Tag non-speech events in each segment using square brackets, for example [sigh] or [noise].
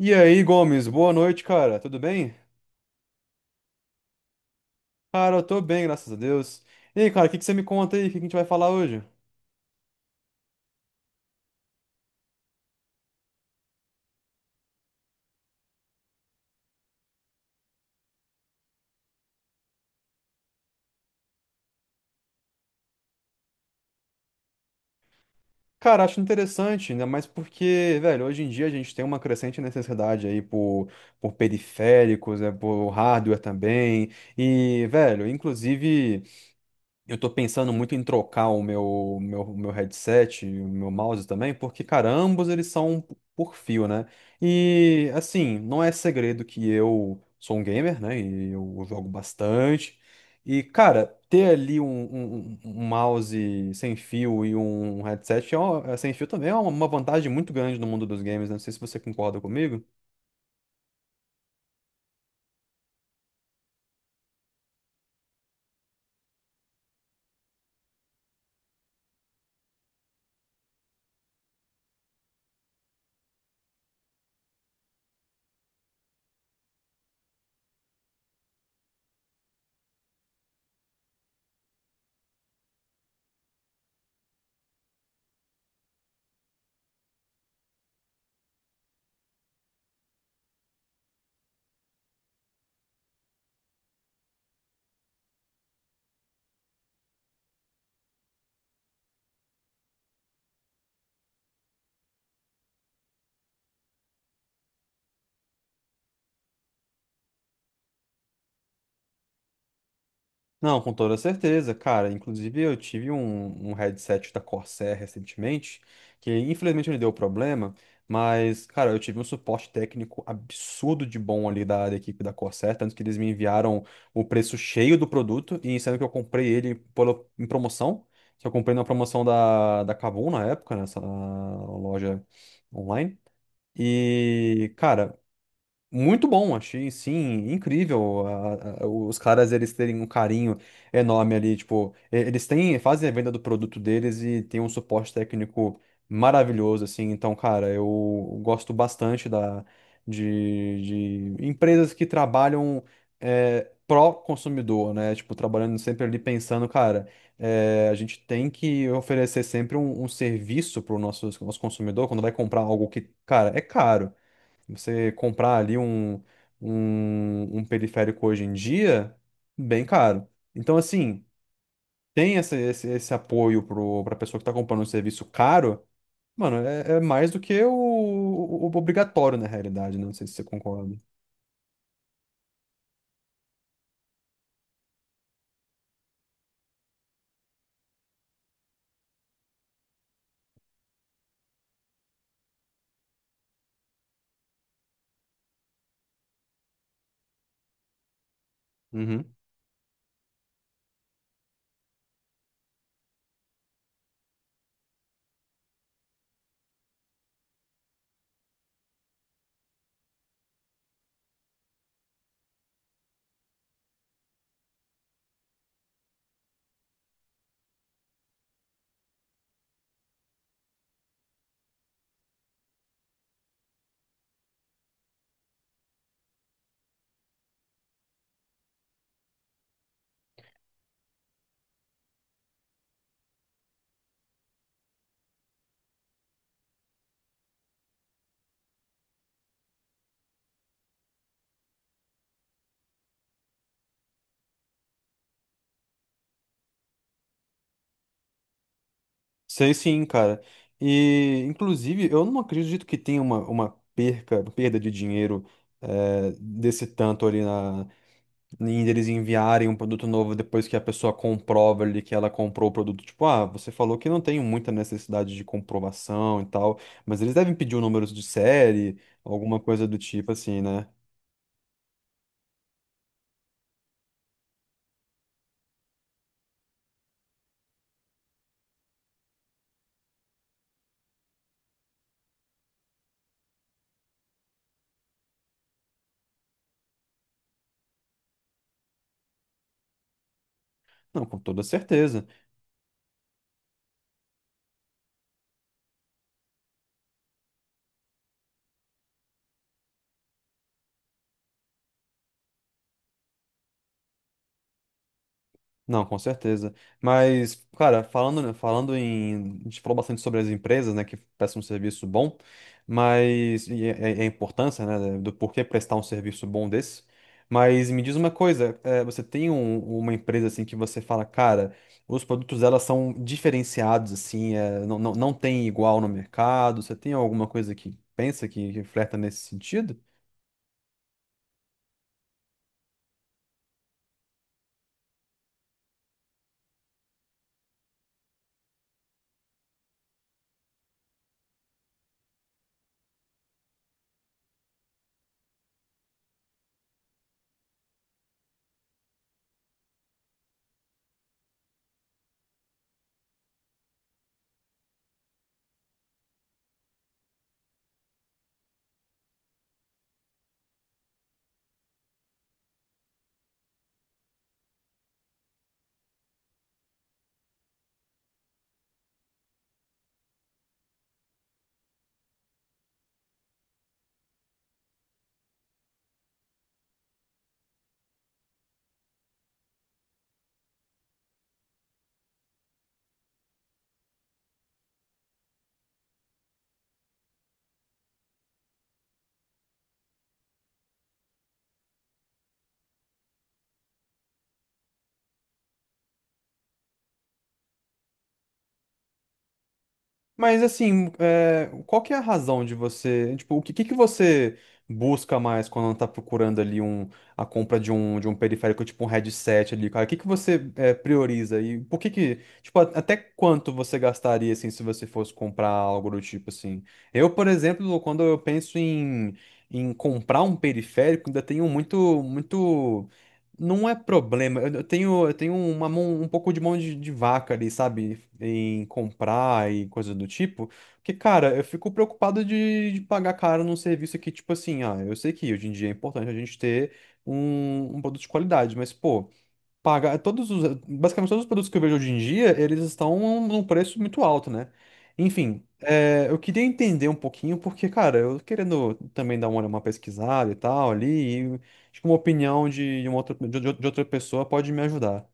E aí, Gomes, boa noite, cara. Tudo bem? Cara, eu tô bem, graças a Deus. E aí, cara, o que que você me conta aí? O que que a gente vai falar hoje? Cara, acho interessante, ainda mais porque, velho, hoje em dia a gente tem uma crescente necessidade aí por periféricos, né, por hardware também. E, velho, inclusive. Eu tô pensando muito em trocar o meu, meu headset, e o meu mouse também, porque, cara, ambos eles são um por fio, né? E, assim, não é segredo que eu sou um gamer, né? E eu jogo bastante. E, cara, ter ali um, um mouse sem fio e um headset é sem fio também é uma vantagem muito grande no mundo dos games, né? Não sei se você concorda comigo. Não, com toda certeza, cara. Inclusive, eu tive um, um headset da Corsair recentemente, que infelizmente ele deu problema, mas, cara, eu tive um suporte técnico absurdo de bom ali da, da equipe da Corsair, tanto que eles me enviaram o preço cheio do produto, e sendo que eu comprei ele em promoção, que eu comprei na promoção da, da Kabum na época, nessa loja online. E, cara, muito bom, achei, sim, incrível os caras eles terem um carinho enorme ali, tipo, eles têm, fazem a venda do produto deles e tem um suporte técnico maravilhoso, assim, então, cara, eu gosto bastante da, de empresas que trabalham pró-consumidor, né, tipo, trabalhando sempre ali pensando, cara, a gente tem que oferecer sempre um, um serviço para o nosso, nosso consumidor quando vai comprar algo que, cara, é caro. Você comprar ali um, um, um periférico hoje em dia, bem caro. Então, assim, tem esse, esse apoio para a pessoa que está comprando um serviço caro, mano, é, é mais do que o, o obrigatório na realidade, né? Não sei se você concorda. Uhum. Sei sim, cara. E, inclusive, eu não acredito que tenha uma perda de dinheiro desse tanto ali. E eles enviarem um produto novo depois que a pessoa comprova ali que ela comprou o produto. Tipo, ah, você falou que não tem muita necessidade de comprovação e tal, mas eles devem pedir o número de série, alguma coisa do tipo assim, né? Não, com toda certeza. Não, com certeza. Mas, cara, falando em. A gente falou bastante sobre as empresas, né, que prestam um serviço bom, mas. E, e a importância, né, do porquê prestar um serviço bom desse. Mas me diz uma coisa, você tem uma empresa, assim, que você fala, cara, os produtos dela são diferenciados, assim, não tem igual no mercado? Você tem alguma coisa que pensa que flerta nesse sentido? Mas assim, é, qual que é a razão de você, tipo, o que, que você busca mais quando tá procurando ali um, a compra de um periférico, tipo um headset ali, cara? O que que você é, prioriza e por que que, tipo, até quanto você gastaria, assim, se você fosse comprar algo do tipo, assim? Eu, por exemplo, quando eu penso em, em comprar um periférico, ainda tenho muito, muito não é problema. Eu tenho, eu tenho uma mão, um pouco de mão de vaca ali, sabe? Em comprar e coisa do tipo. Porque, cara, eu fico preocupado de pagar caro num serviço que, tipo assim, ah, eu sei que hoje em dia é importante a gente ter um, um produto de qualidade, mas, pô, pagar todos os, basicamente todos os produtos que eu vejo hoje em dia, eles estão num preço muito alto, né? Enfim, é, eu queria entender um pouquinho porque, cara, eu querendo também dar uma pesquisada e tal ali, e acho que uma opinião de uma outra, de outra pessoa pode me ajudar,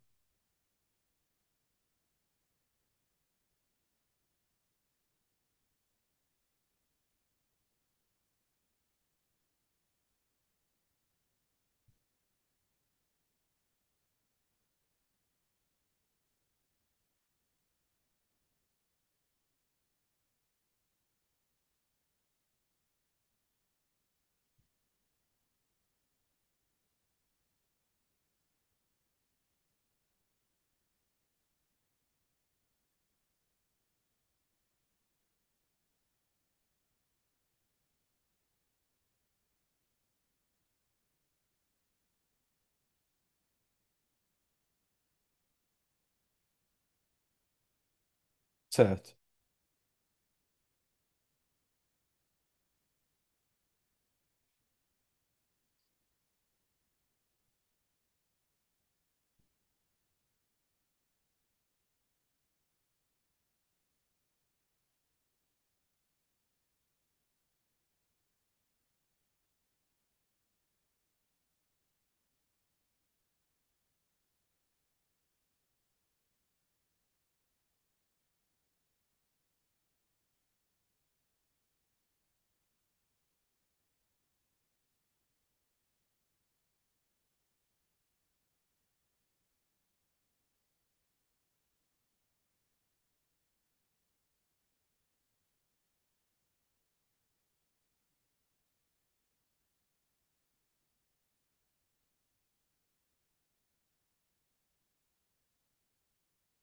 certo?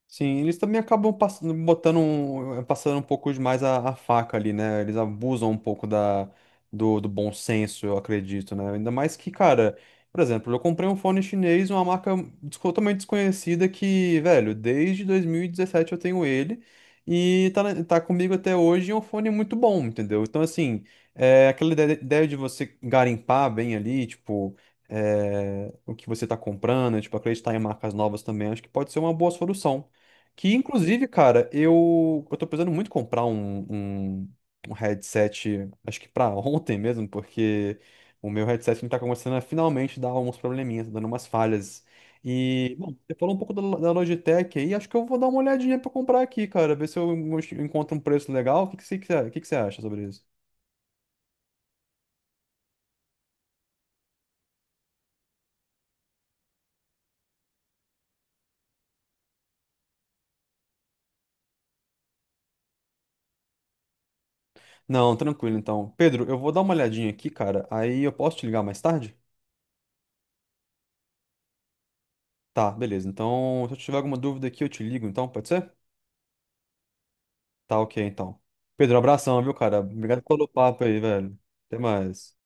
Sim, eles também acabam passando, botando um, passando um pouco demais a faca ali, né? Eles abusam um pouco da, do, do bom senso, eu acredito, né? Ainda mais que, cara, por exemplo, eu comprei um fone chinês, uma marca totalmente desconhecida que, velho, desde 2017 eu tenho ele e tá, tá comigo até hoje e é um fone muito bom, entendeu? Então, assim, é, aquela ideia de você garimpar bem ali, tipo. É, o que você está comprando, tipo, acreditar em marcas novas também, acho que pode ser uma boa solução. Que inclusive, cara, eu tô precisando muito comprar um, um, um headset, acho que pra [laughs] ontem mesmo, porque o meu headset não tá começando a finalmente dar uns probleminhas, tá dando umas falhas. E, bom, você falou um pouco da, da Logitech aí, acho que eu vou dar uma olhadinha pra comprar aqui, cara, ver se eu encontro um preço legal. O que que você, o que que você acha sobre isso? Não, tranquilo, então. Pedro, eu vou dar uma olhadinha aqui, cara, aí eu posso te ligar mais tarde? Tá, beleza. Então, se eu tiver alguma dúvida aqui, eu te ligo, então, pode ser? Tá ok, então. Pedro, abração, viu, cara? Obrigado pelo papo aí, velho. Até mais.